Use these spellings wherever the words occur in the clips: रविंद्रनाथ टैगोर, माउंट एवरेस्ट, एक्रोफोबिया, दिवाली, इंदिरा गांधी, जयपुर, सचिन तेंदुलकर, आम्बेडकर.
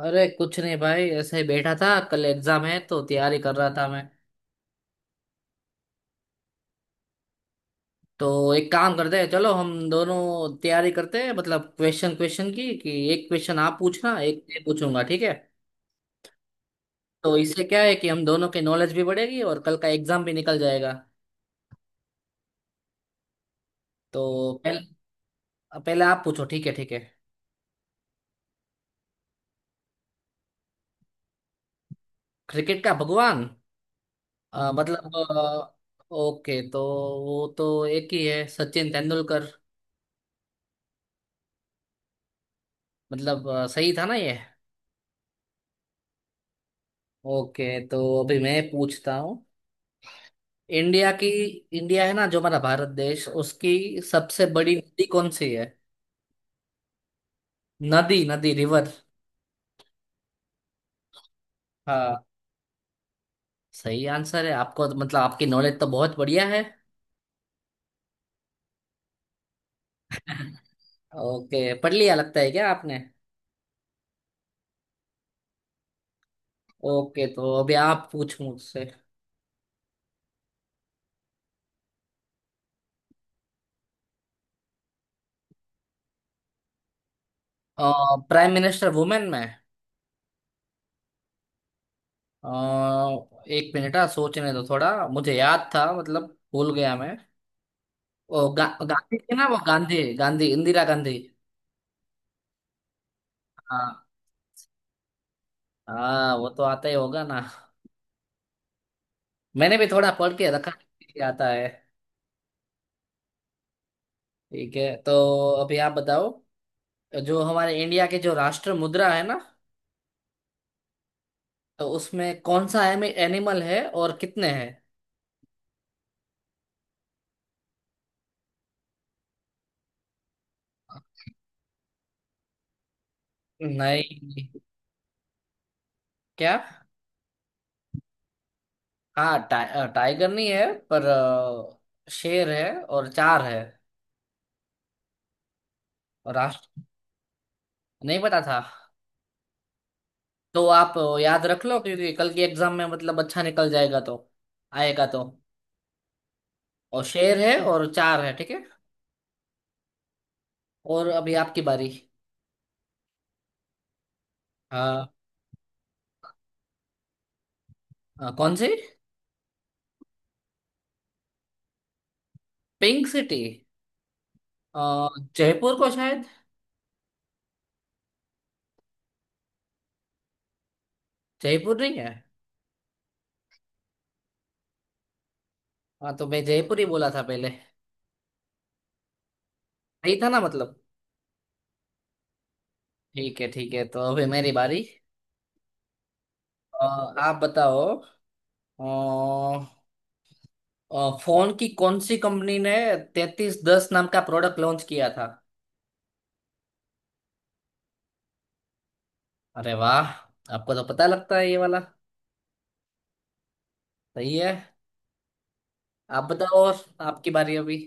अरे कुछ नहीं भाई, ऐसे ही बैठा था। कल एग्जाम है तो तैयारी कर रहा था मैं। तो एक काम करते हैं, चलो हम दोनों तैयारी करते हैं, मतलब क्वेश्चन क्वेश्चन की कि एक क्वेश्चन आप पूछना, एक मैं पूछूंगा, ठीक है। तो इससे क्या है कि हम दोनों की नॉलेज भी बढ़ेगी और कल का एग्जाम भी निकल जाएगा। तो पहले पहले आप पूछो। ठीक है, ठीक है। क्रिकेट का भगवान? मतलब ओके तो वो तो एक ही है, सचिन तेंदुलकर। मतलब सही था ना ये? ओके, तो अभी मैं पूछता हूँ। इंडिया की, इंडिया है ना जो हमारा भारत देश, उसकी सबसे बड़ी नदी कौन सी है? नदी, नदी, रिवर। हाँ, सही आंसर है आपको। मतलब आपकी नॉलेज तो बहुत बढ़िया है। ओके, पढ़ लिया लगता है क्या आपने? ओके, तो अभी आप पूछ मुझसे। प्राइम मिनिस्टर वुमेन में? अ, एक मिनट, हाँ, सोचने दो थोड़ा। मुझे याद था मतलब, भूल गया मैं। वो गांधी थी ना, वो गांधी गांधी इंदिरा गांधी। हाँ हाँ, वो तो आता ही होगा ना। मैंने भी थोड़ा पढ़ के रखा है, आता है। ठीक है, तो अभी आप बताओ, जो हमारे इंडिया के जो राष्ट्र मुद्रा है ना, तो उसमें कौन सा एनिमल है और कितने हैं? नहीं। क्या? हाँ, टाइगर नहीं है, पर शेर है और चार है। और राष्ट्र। नहीं पता था तो आप याद रख लो, क्योंकि कल की एग्जाम में मतलब अच्छा निकल जाएगा तो। आएगा तो। और शेर है और चार है, ठीक है। और अभी आपकी बारी। हाँ, कौन सी? Pink city? अ, जयपुर को, शायद। जयपुर नहीं है? हाँ, तो मैं जयपुर ही बोला था पहले। सही था ना, मतलब। ठीक है, ठीक है, तो अभी मेरी बारी। अ, आप बताओ। अ, फोन की कौन सी कंपनी ने 3310 नाम का प्रोडक्ट लॉन्च किया था? अरे वाह, आपको तो पता लगता है ये वाला। सही है। आप बताओ और, आपकी बारी अभी।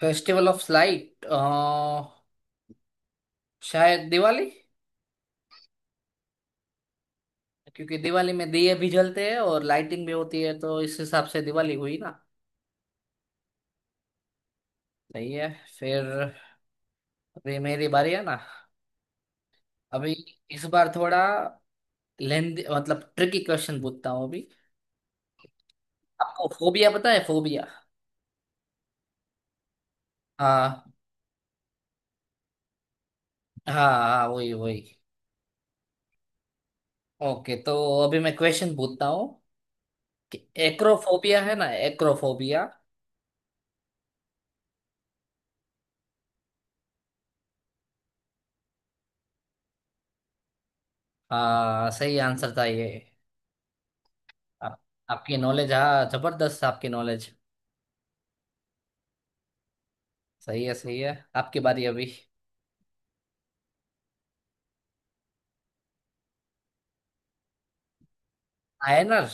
Festival of light? शायद दिवाली। क्योंकि दिवाली में दिए भी जलते हैं और लाइटिंग भी होती है, तो इस हिसाब से दिवाली हुई। सही है। फिर, अभी मेरी बारी है ना, अभी। इस बार थोड़ा लेंदी मतलब ट्रिकी क्वेश्चन पूछता हूँ अभी। आपको फोबिया पता है? फोबिया? हाँ, हाँ हाँ, वही वही। ओके, तो अभी मैं क्वेश्चन पूछता हूँ कि एक्रोफोबिया है ना, एक्रोफोबिया। हाँ, सही आंसर था ये। आप, आपकी नॉलेज, हाँ, जबरदस्त आपकी नॉलेज। सही है, सही है, आपकी बारी अभी। आयनर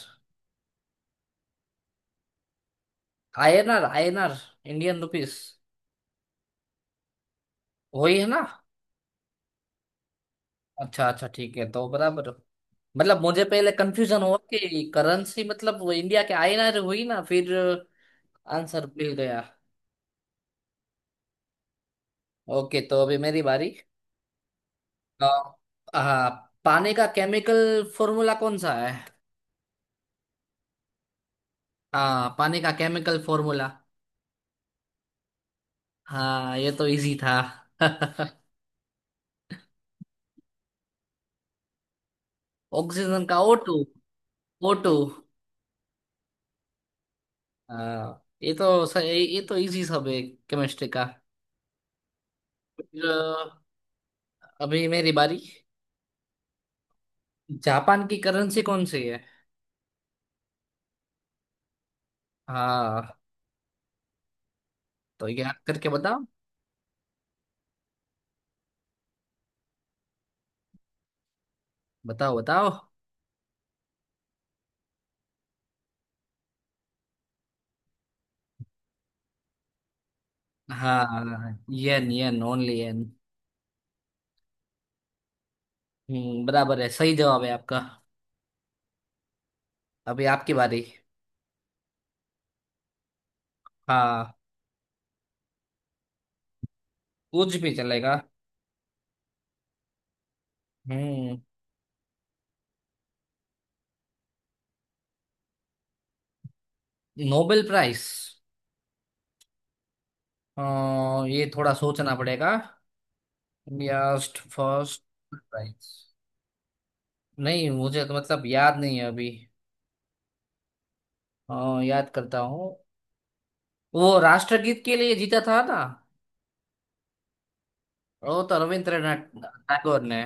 आयनर आयनर इंडियन रुपीस। वही है ना। अच्छा अच्छा, ठीक है तो, बराबर। मतलब मुझे पहले कंफ्यूजन हुआ कि करेंसी मतलब वो इंडिया के आईएनआर हुई ना। फिर आंसर मिल गया। ओके, तो अभी मेरी बारी। अ, हाँ, पानी का केमिकल फॉर्मूला कौन सा है? हाँ, पानी का केमिकल फॉर्मूला। हाँ, ये तो इजी था। ऑक्सीजन का ओ टू। ओ टू, हाँ, ये तो ये तो इजी सब है, केमिस्ट्री का। फिर अभी मेरी बारी। जापान की करेंसी कौन सी है? हाँ, तो याद करके बताओ। बताओ बताओ। हाँ, यन यन ओनली यन। हम्म, बराबर है, सही जवाब है आपका। अभी आपकी बारी। हाँ। कुछ भी चलेगा। हम्म। Nobel prize? ये थोड़ा सोचना पड़ेगा। First, first prize. नहीं, मुझे तो मतलब याद नहीं है अभी। याद करता हूँ। वो राष्ट्रगीत के लिए जीता था ना, वो तो रविंद्रनाथ टैगोर ने।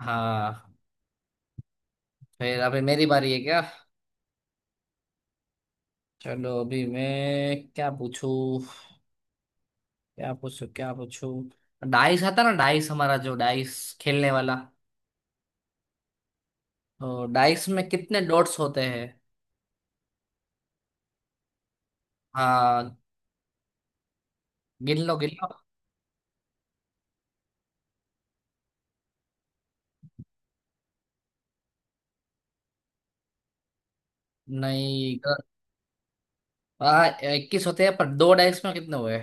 हाँ। फिर अभी मेरी बारी है क्या? चलो, अभी मैं क्या पूछूं, क्या पूछो क्या पूछो। डाइस आता ना, डाइस, हमारा जो डाइस खेलने वाला। तो डाइस में कितने डॉट्स होते हैं? हाँ, गिन लो गिन लो। नहीं गलत। हाँ, इक्कीस होते हैं, पर दो डाइस में कितने हुए?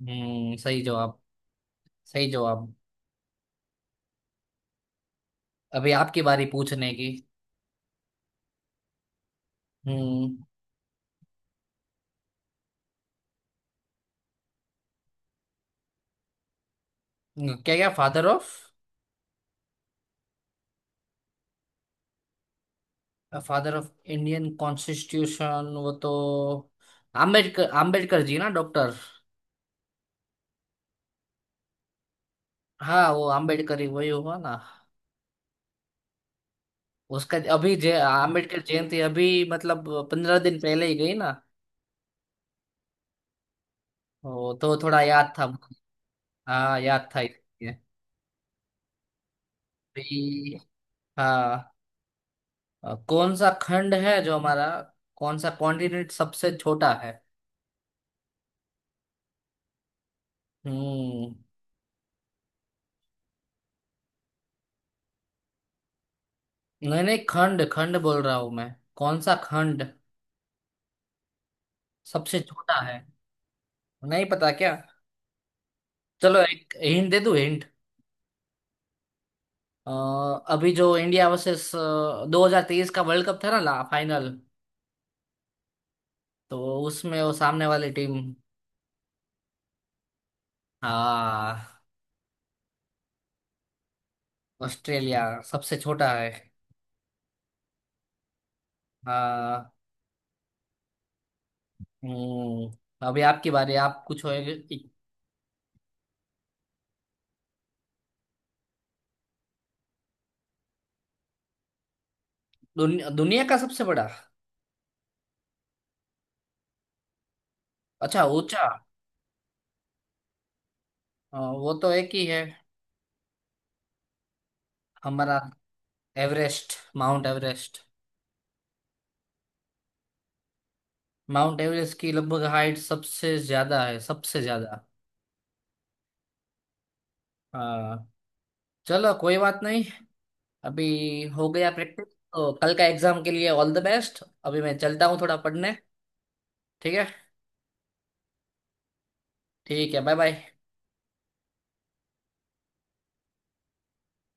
हम्म, सही जवाब, सही जवाब। अभी आपकी बारी पूछने की। हम्म। क्या क्या father of? Father of Indian constitution वो तो आम्बेडकर आम्बेडकर जी ना, डॉक्टर। हाँ, वो आम्बेडकर ही, वही हुआ ना। उसका अभी जय अम्बेडकर जयंती अभी मतलब 15 दिन पहले ही गई ना। वो तो थोड़ा याद था मुझे। हाँ, याद था इसलिए। भी, हाँ, कौन सा खंड है जो हमारा, कौन सा कॉन्टिनेंट सबसे छोटा है? हम्म। नहीं नहीं, खंड खंड बोल रहा हूँ मैं। कौन सा खंड सबसे छोटा है? नहीं पता क्या? चलो, एक हिंट दे दूँ, हिंट। अभी जो इंडिया वर्सेस 2023 का वर्ल्ड कप था ना ला फाइनल, तो उसमें वो सामने वाली टीम। हाँ, ऑस्ट्रेलिया। सबसे छोटा है। हाँ। हम्म, अभी आपकी बारी। आप कुछ होएगे। दुनिया का सबसे बड़ा? अच्छा, ऊंचा। वो तो एक ही है, हमारा। Everest. माउंट एवरेस्ट। माउंट एवरेस्ट की लगभग हाइट सबसे ज्यादा है, सबसे ज्यादा। हाँ। चलो, कोई बात नहीं, अभी हो गया प्रैक्टिस। तो कल का एग्जाम के लिए ऑल द बेस्ट, अभी मैं चलता हूँ थोड़ा पढ़ने। ठीक है। ठीक है, बाय बाय।